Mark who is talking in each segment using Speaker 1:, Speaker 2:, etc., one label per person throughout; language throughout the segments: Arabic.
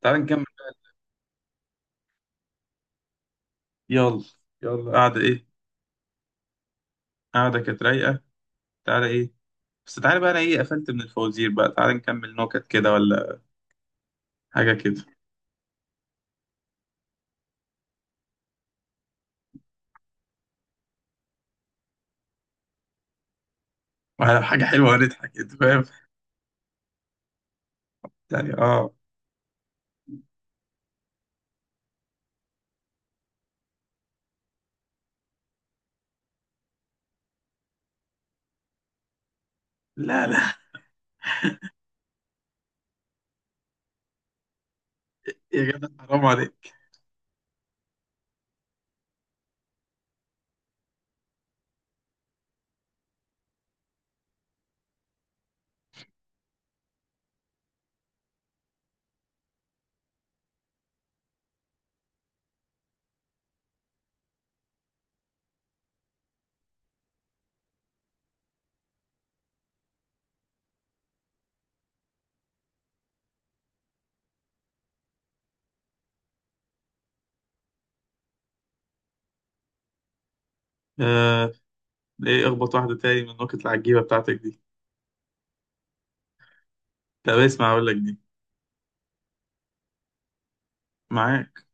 Speaker 1: تعال نكمل. يلا يلا. قاعدة ايه؟ قاعدة كانت رايقة. تعالى ايه؟ بس تعالى بقى انا ايه قفلت من الفوازير، بقى تعالى نكمل نكت كده، ولا حاجة كده؟ ولا حاجة حلوة هنضحك انت فاهم يعني. اه لا لا، يا جدع حرام عليك. آه، ايه اخبط واحدة تاني من النكت العجيبة بتاعتك دي. طب اسمع اقول لك دي. معاك.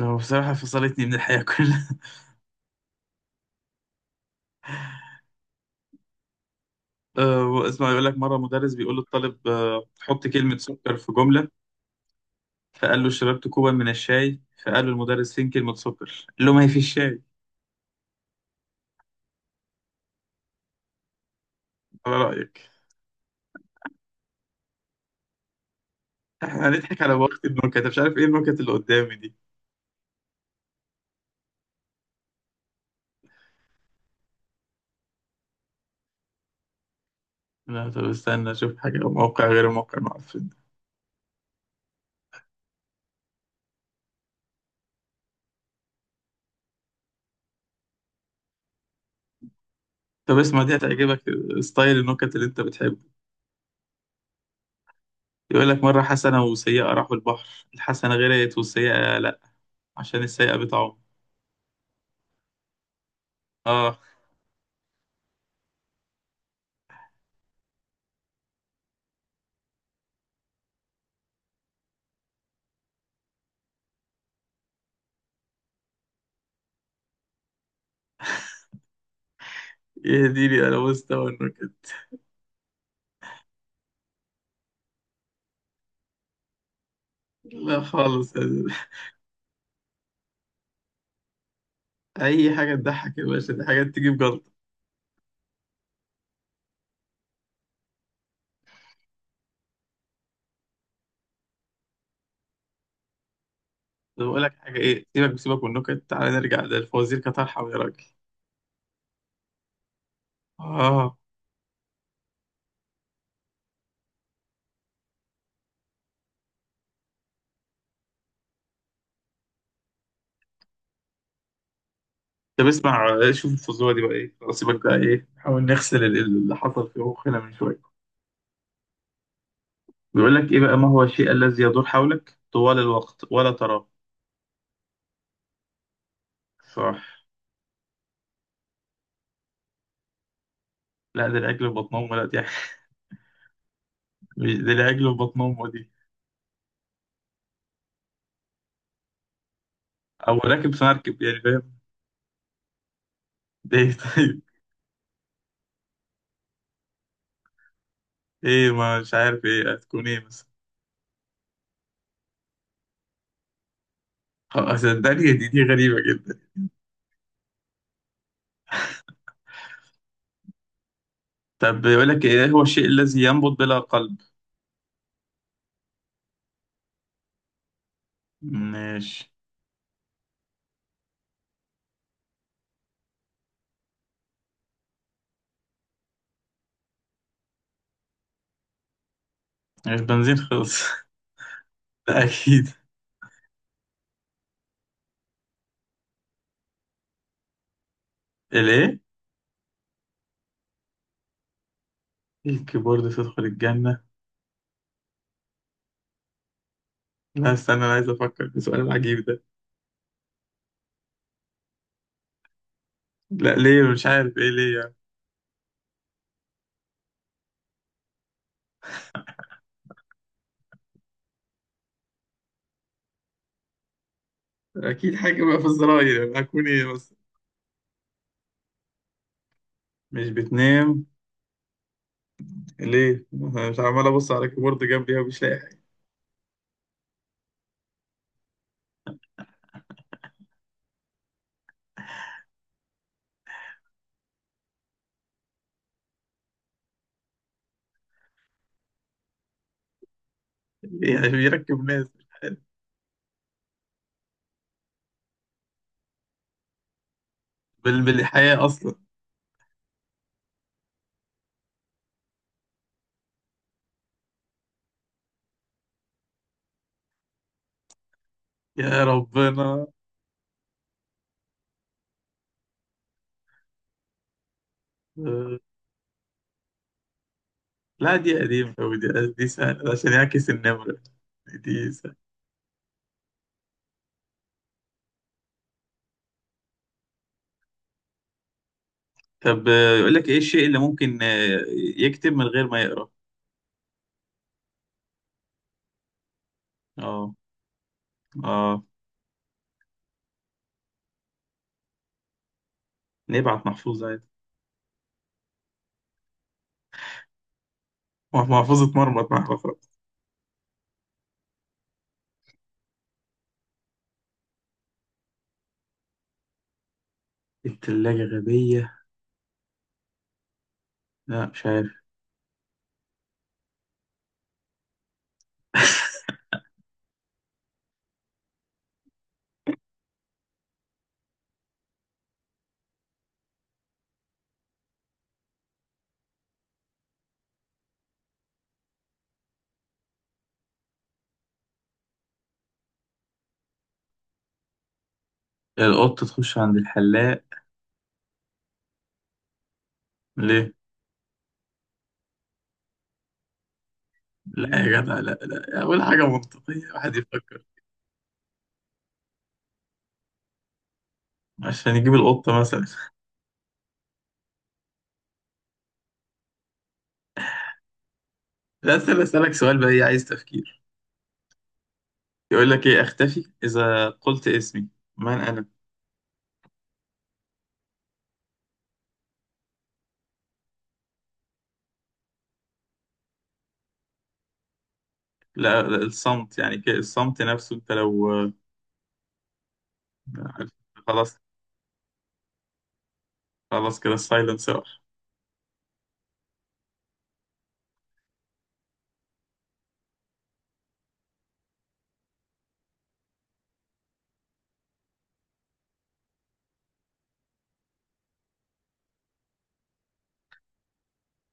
Speaker 1: هو بصراحة فصلتني من الحياة كلها. اسمع، يقول لك مرة مدرس بيقول للطالب حط كلمة سكر في جملة، فقال له شربت كوبا من الشاي، فقال له المدرس فين كلمة سكر، قال له ما هي في الشاي. على رأيك. احنا هنضحك على وقت النكت؟ أنا مش عارف ايه النكت اللي قدامي دي. لا طب استنى اشوف حاجة، موقع غير الموقع المعفن. طب اسمع دي هتعجبك، ستايل النكت اللي انت بتحبه. يقول لك مرة حسنة وسيئة راحوا البحر، الحسنة غرقت والسيئة لا، عشان السيئة بتعوم. اه. يهديني انا مستوى النكت. لا خالص. اي حاجة تضحك يا باشا، دي حاجات تجيب جلطة. طب اقول لك حاجه ايه، سيبك سيبك من النكت، تعالى نرجع للفوازير كطرحه يا راجل. اه. طب اسمع، شوف الفزوره دي بقى ايه، خلاص سيبك بقى ايه، نحاول نغسل اللي حصل في مخنا من شويه. بيقول لك ايه بقى، ما هو الشيء الذي يدور حولك طوال الوقت ولا تراه؟ صح. لا ده العجل في بطن امه، لا دي ده العجل في بطن امه دي. او راكب في مركب يعني فاهم. ده ايه طيب؟ ايه ما مش عارف ايه هتكون ايه مثلا. خلاص صدقني، دي غريبه جدا. طب بيقول لك ايه هو الشيء الذي ينبض بلا قلب؟ ماشي. مش بنزين خلص. ده أكيد. الإيه؟ الكيبورد تدخل الجنة؟ لا استنى أنا عايز أفكر في السؤال العجيب ده. لا ليه، مش عارف إيه ليه يعني. أكيد حاجة بقى في الزراير، يعني هكون إيه بس؟ مش بتنام ليه؟ أنا مش عمال أبص على الكيبورد جنبي ومش لاقي حاجة. ليه؟ عشان يركب ناس. بالحياة أصلا. يا ربنا. آه، لا دي قديمة أوي دي. دي سهلة، عشان يعكس النمرة. دي سهلة. طب يقول لك إيه الشيء اللي ممكن يكتب من غير ما يقرأ؟ أه. اه. نبعت محفوظ عادي. محفوظ اتمرمط مع الخرز. التلاجة غبية؟ لا مش عارف. القط تخش عند الحلاق. ليه؟ لا يا جدع لا لا، أول حاجة منطقية واحد يفكر. عشان يجيب القطة مثلا. لا أسأل، أسألك سؤال بقى إيه، عايز تفكير. يقول لك إيه، أختفي إذا قلت اسمي، من أنا؟ لا لا، الصمت يعني كده، الصمت نفسه أنت لو عارف، خلاص. خلاص كده السايلنس راح.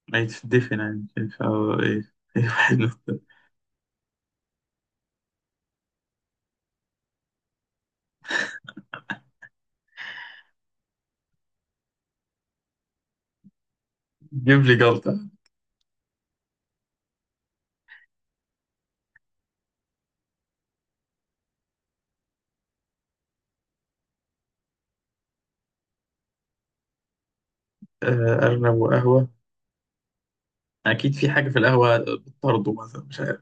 Speaker 1: ما يتدفن يعني ف إيه. إيه، واحد. جيب لي جلطة. آه، أرنب وقهوة؟ أكيد في حاجة في القهوة بتطرده مثلا، مش عارف.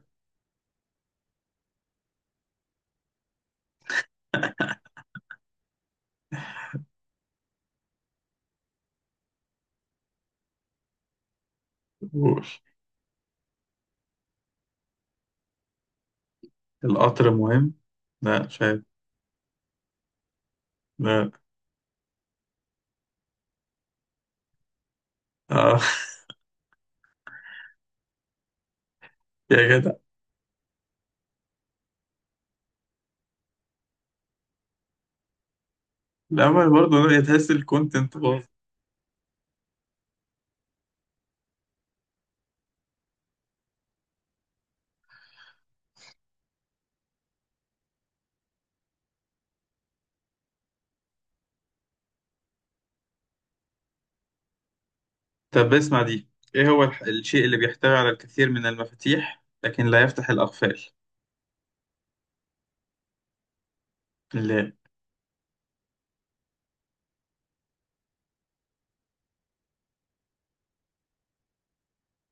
Speaker 1: قول. القطر مهم؟ لا مش عارف. لا. آه. يا جدع. لا ما برضه لا، تحس الكونتنت باظ. طب اسمع دي، إيه هو الشيء اللي بيحتوي على الكثير من المفاتيح لكن لا يفتح الأقفال؟ لا.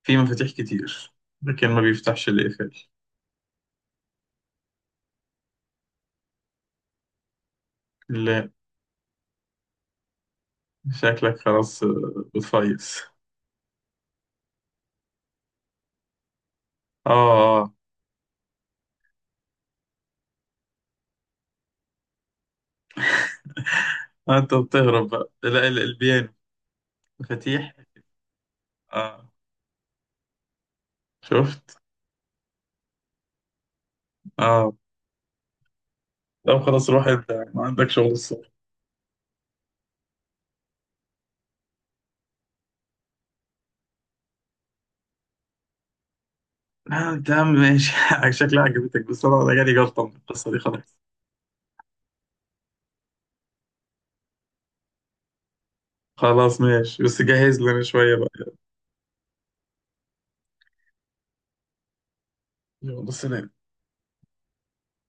Speaker 1: في مفاتيح كتير لكن ما بيفتحش الأقفال. لا شكلك خلاص بتفيص. آه. أنت بتهرب بقى. لا البيانو مفاتيح. آه. شفت؟ اه. لا خلاص روح انت، ما عندك شغل الصبح. آه تمام ماشي. شكلها عجبتك، بس انا أنا جالي جلطة من القصة دي خلاص. خلاص ماشي، بس جهز لنا شوية بقى. يلا سلام.